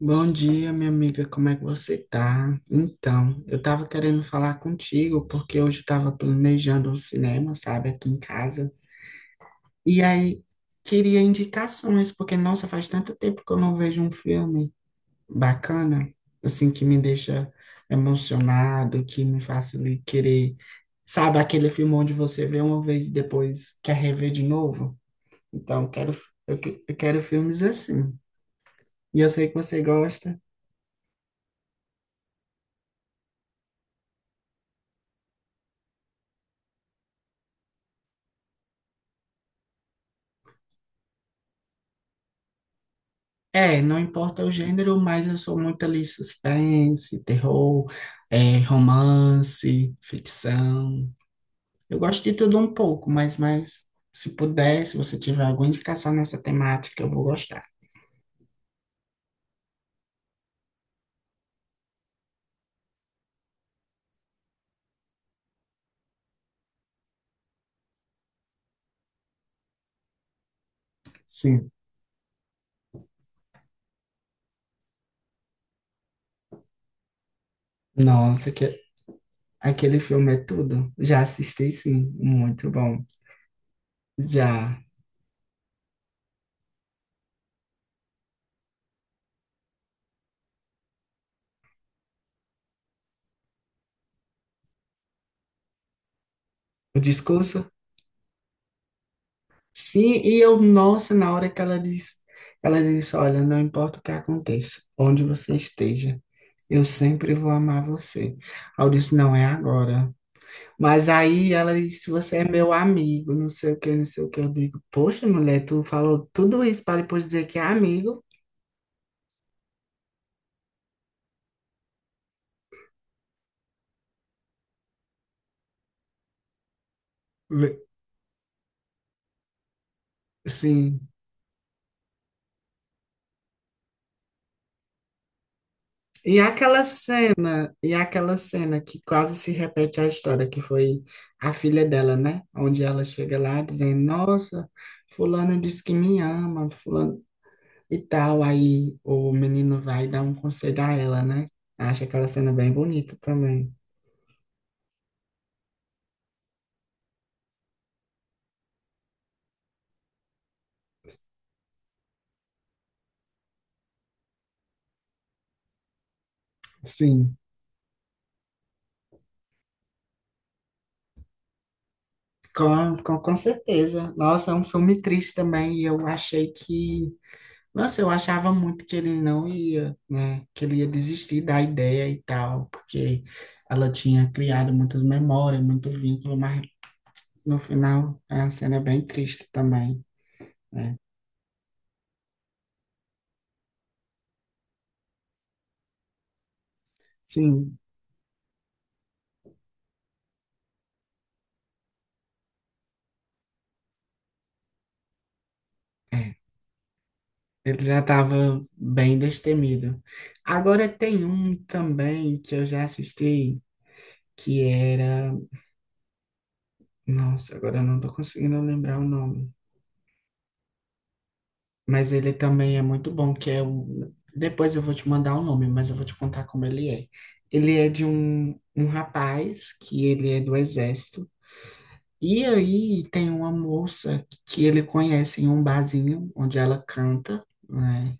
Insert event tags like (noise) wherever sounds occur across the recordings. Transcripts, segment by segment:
Bom dia, minha amiga, como é que você tá? Então, eu tava querendo falar contigo porque hoje eu tava planejando um cinema, sabe, aqui em casa. E aí queria indicações, porque nossa, faz tanto tempo que eu não vejo um filme bacana, assim que me deixa emocionado, que me faça ali querer, sabe, aquele filme onde você vê uma vez e depois quer rever de novo. Então, eu quero filmes assim. E eu sei que você gosta. É, não importa o gênero, mas eu sou muito ali suspense, terror, é, romance, ficção. Eu gosto de tudo um pouco, mas se puder, se você tiver alguma indicação nessa temática, eu vou gostar. Sim. Nossa, que, aquele filme é tudo. Já assisti, sim. Muito bom. Já. O discurso. Sim, e eu, nossa, na hora que ela disse, olha, não importa o que aconteça, onde você esteja, eu sempre vou amar você. Aí eu disse, não é agora. Mas aí ela disse, você é meu amigo, não sei o que, não sei o que. Eu digo, poxa, mulher, tu falou tudo isso para depois dizer que é amigo? Le- Sim. E aquela cena que quase se repete a história, que foi a filha dela, né? Onde ela chega lá dizendo, nossa, fulano disse que me ama, fulano e tal. Aí o menino vai dar um conselho a ela, né? Acho aquela cena bem bonita também. Sim, com certeza. Nossa, é um filme triste também, e eu achei que... Nossa, eu achava muito que ele não ia, né? Que ele ia desistir da ideia e tal, porque ela tinha criado muitas memórias, muito vínculo, mas no final a cena é bem triste também, né? Sim, é. Ele já estava bem destemido. Agora tem um também que eu já assisti, que era... Nossa, agora eu não estou conseguindo lembrar o nome. Mas ele também é muito bom, que é um... Depois eu vou te mandar o nome, mas eu vou te contar como ele é. Ele é de um rapaz que ele é do exército. E aí tem uma moça que ele conhece em um barzinho onde ela canta, né?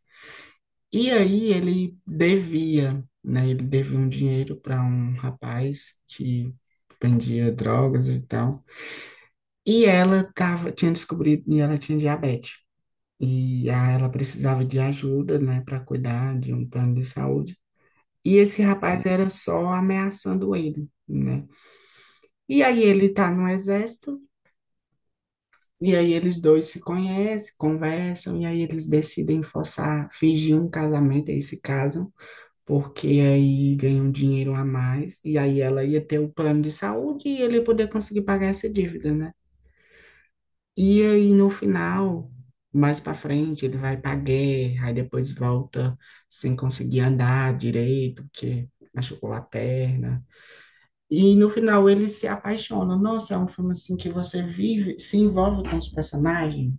E aí ele devia, né? Ele devia um dinheiro para um rapaz que vendia drogas e tal. E ela tava, tinha descobrido, e ela tinha diabetes. E ah, ela precisava de ajuda, né, para cuidar de um plano de saúde. E esse rapaz era só ameaçando ele, né? E aí ele tá no exército, e aí eles dois se conhecem, conversam, e aí eles decidem forçar, fingir um casamento, aí se casam, porque aí ganham dinheiro a mais, e aí ela ia ter o plano de saúde e ele ia poder conseguir pagar essa dívida, né? E aí, no final, mais pra frente, ele vai pra guerra, aí depois volta sem conseguir andar direito, porque machucou a perna. E no final, ele se apaixona. Nossa, é um filme assim que você vive, se envolve com os personagens.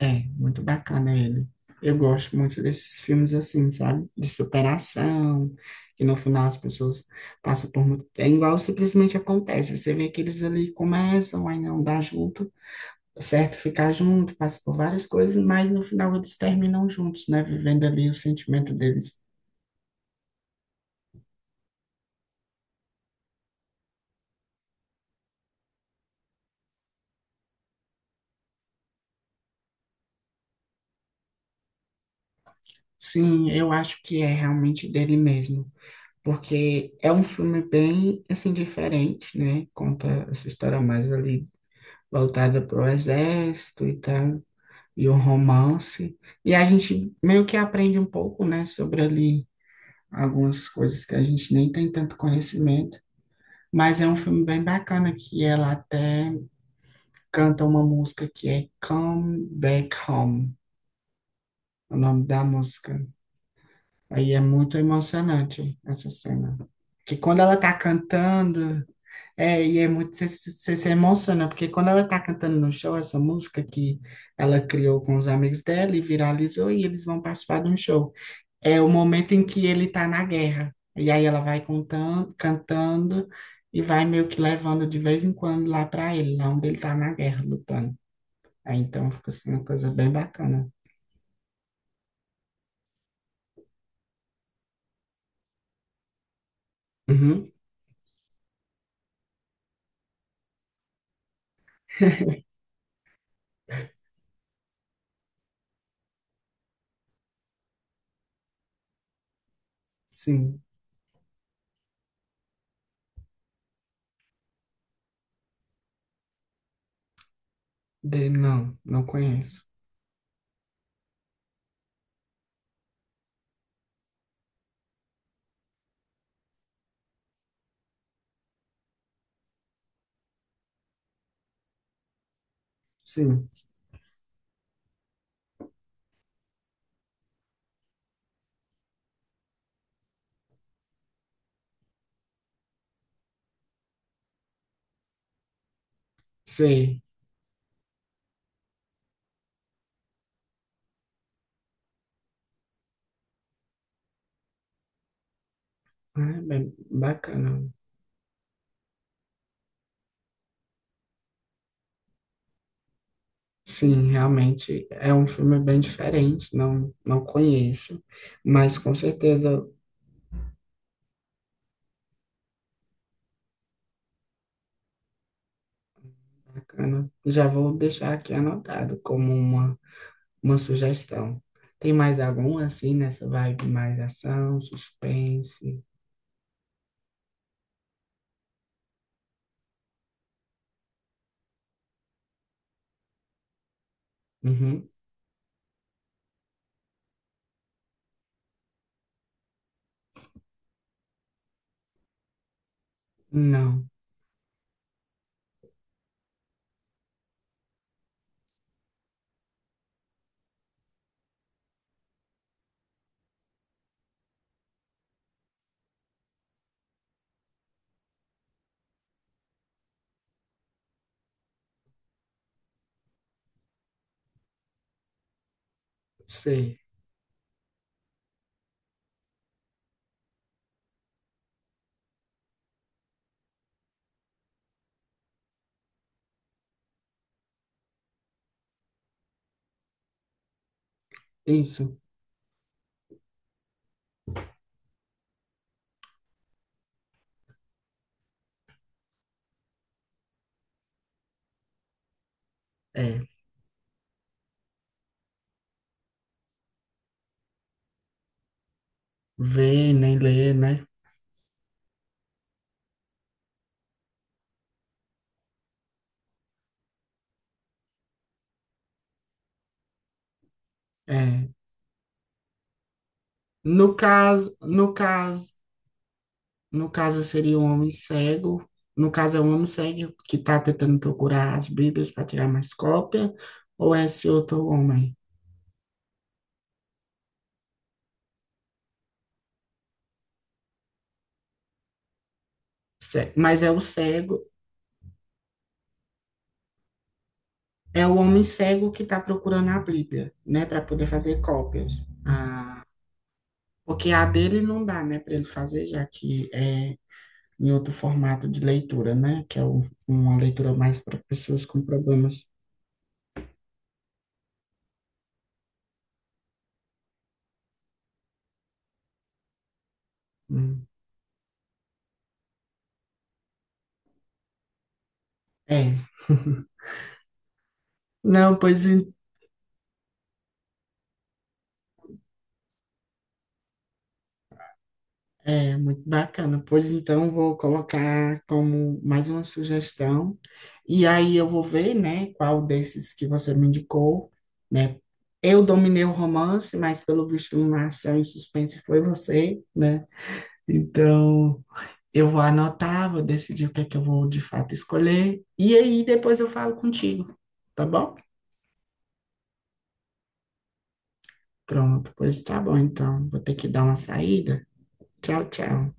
É, muito bacana ele. Eu gosto muito desses filmes assim, sabe? De superação, que no final as pessoas passam por muito. É igual simplesmente acontece. Você vê que eles ali começam, aí não dá junto. Tá certo? Ficar junto, passa por várias coisas, mas no final eles terminam juntos, né? Vivendo ali o sentimento deles. Sim, eu acho que é realmente dele mesmo, porque é um filme bem, assim, diferente, né? Conta essa história mais ali voltada para o exército e tal, e o romance. E a gente meio que aprende um pouco, né? Sobre ali algumas coisas que a gente nem tem tanto conhecimento, mas é um filme bem bacana que ela até canta uma música que é Come Back Home, o nome da música. Aí é muito emocionante essa cena. Que quando ela tá cantando, é, e é muito, você se emociona, porque quando ela tá cantando no show, essa música que ela criou com os amigos dela e viralizou, e eles vão participar de um show. É o momento em que ele tá na guerra. E aí ela vai contando, cantando e vai meio que levando de vez em quando lá pra ele, lá onde ele tá na guerra, lutando. Aí então fica assim uma coisa bem bacana. Uhum. (laughs) Sim. De, não, não conheço. Sim, sei. Ah, é bem bacana. Sim, realmente é um filme bem diferente, não, não conheço, mas com certeza bacana. Já vou deixar aqui anotado como uma sugestão. Tem mais algum assim nessa vibe mais ação, suspense? Uhum. Não, sei. Isso. É. Ver, nem ler, né? É. No caso, no caso, no caso seria um homem cego. No caso é um homem cego que está tentando procurar as Bíblias para tirar mais cópia, ou é esse outro homem? Mas é o cego, é o homem cego que está procurando a Bíblia, né, para poder fazer cópias. Ah, porque a dele não dá, né, para ele fazer, já que é em outro formato de leitura, né, que é um- uma leitura mais para pessoas com problemas. Hum. É. (laughs) Não, pois É, muito bacana. Pois então, vou colocar como mais uma sugestão. E aí eu vou ver, né, qual desses que você me indicou, né? Eu dominei o romance, mas pelo visto na ação e suspense foi você, né? Então, eu vou anotar, vou decidir o que é que eu vou de fato escolher. E aí depois eu falo contigo, tá bom? Pronto, pois tá bom, então. Vou ter que dar uma saída. Tchau, tchau.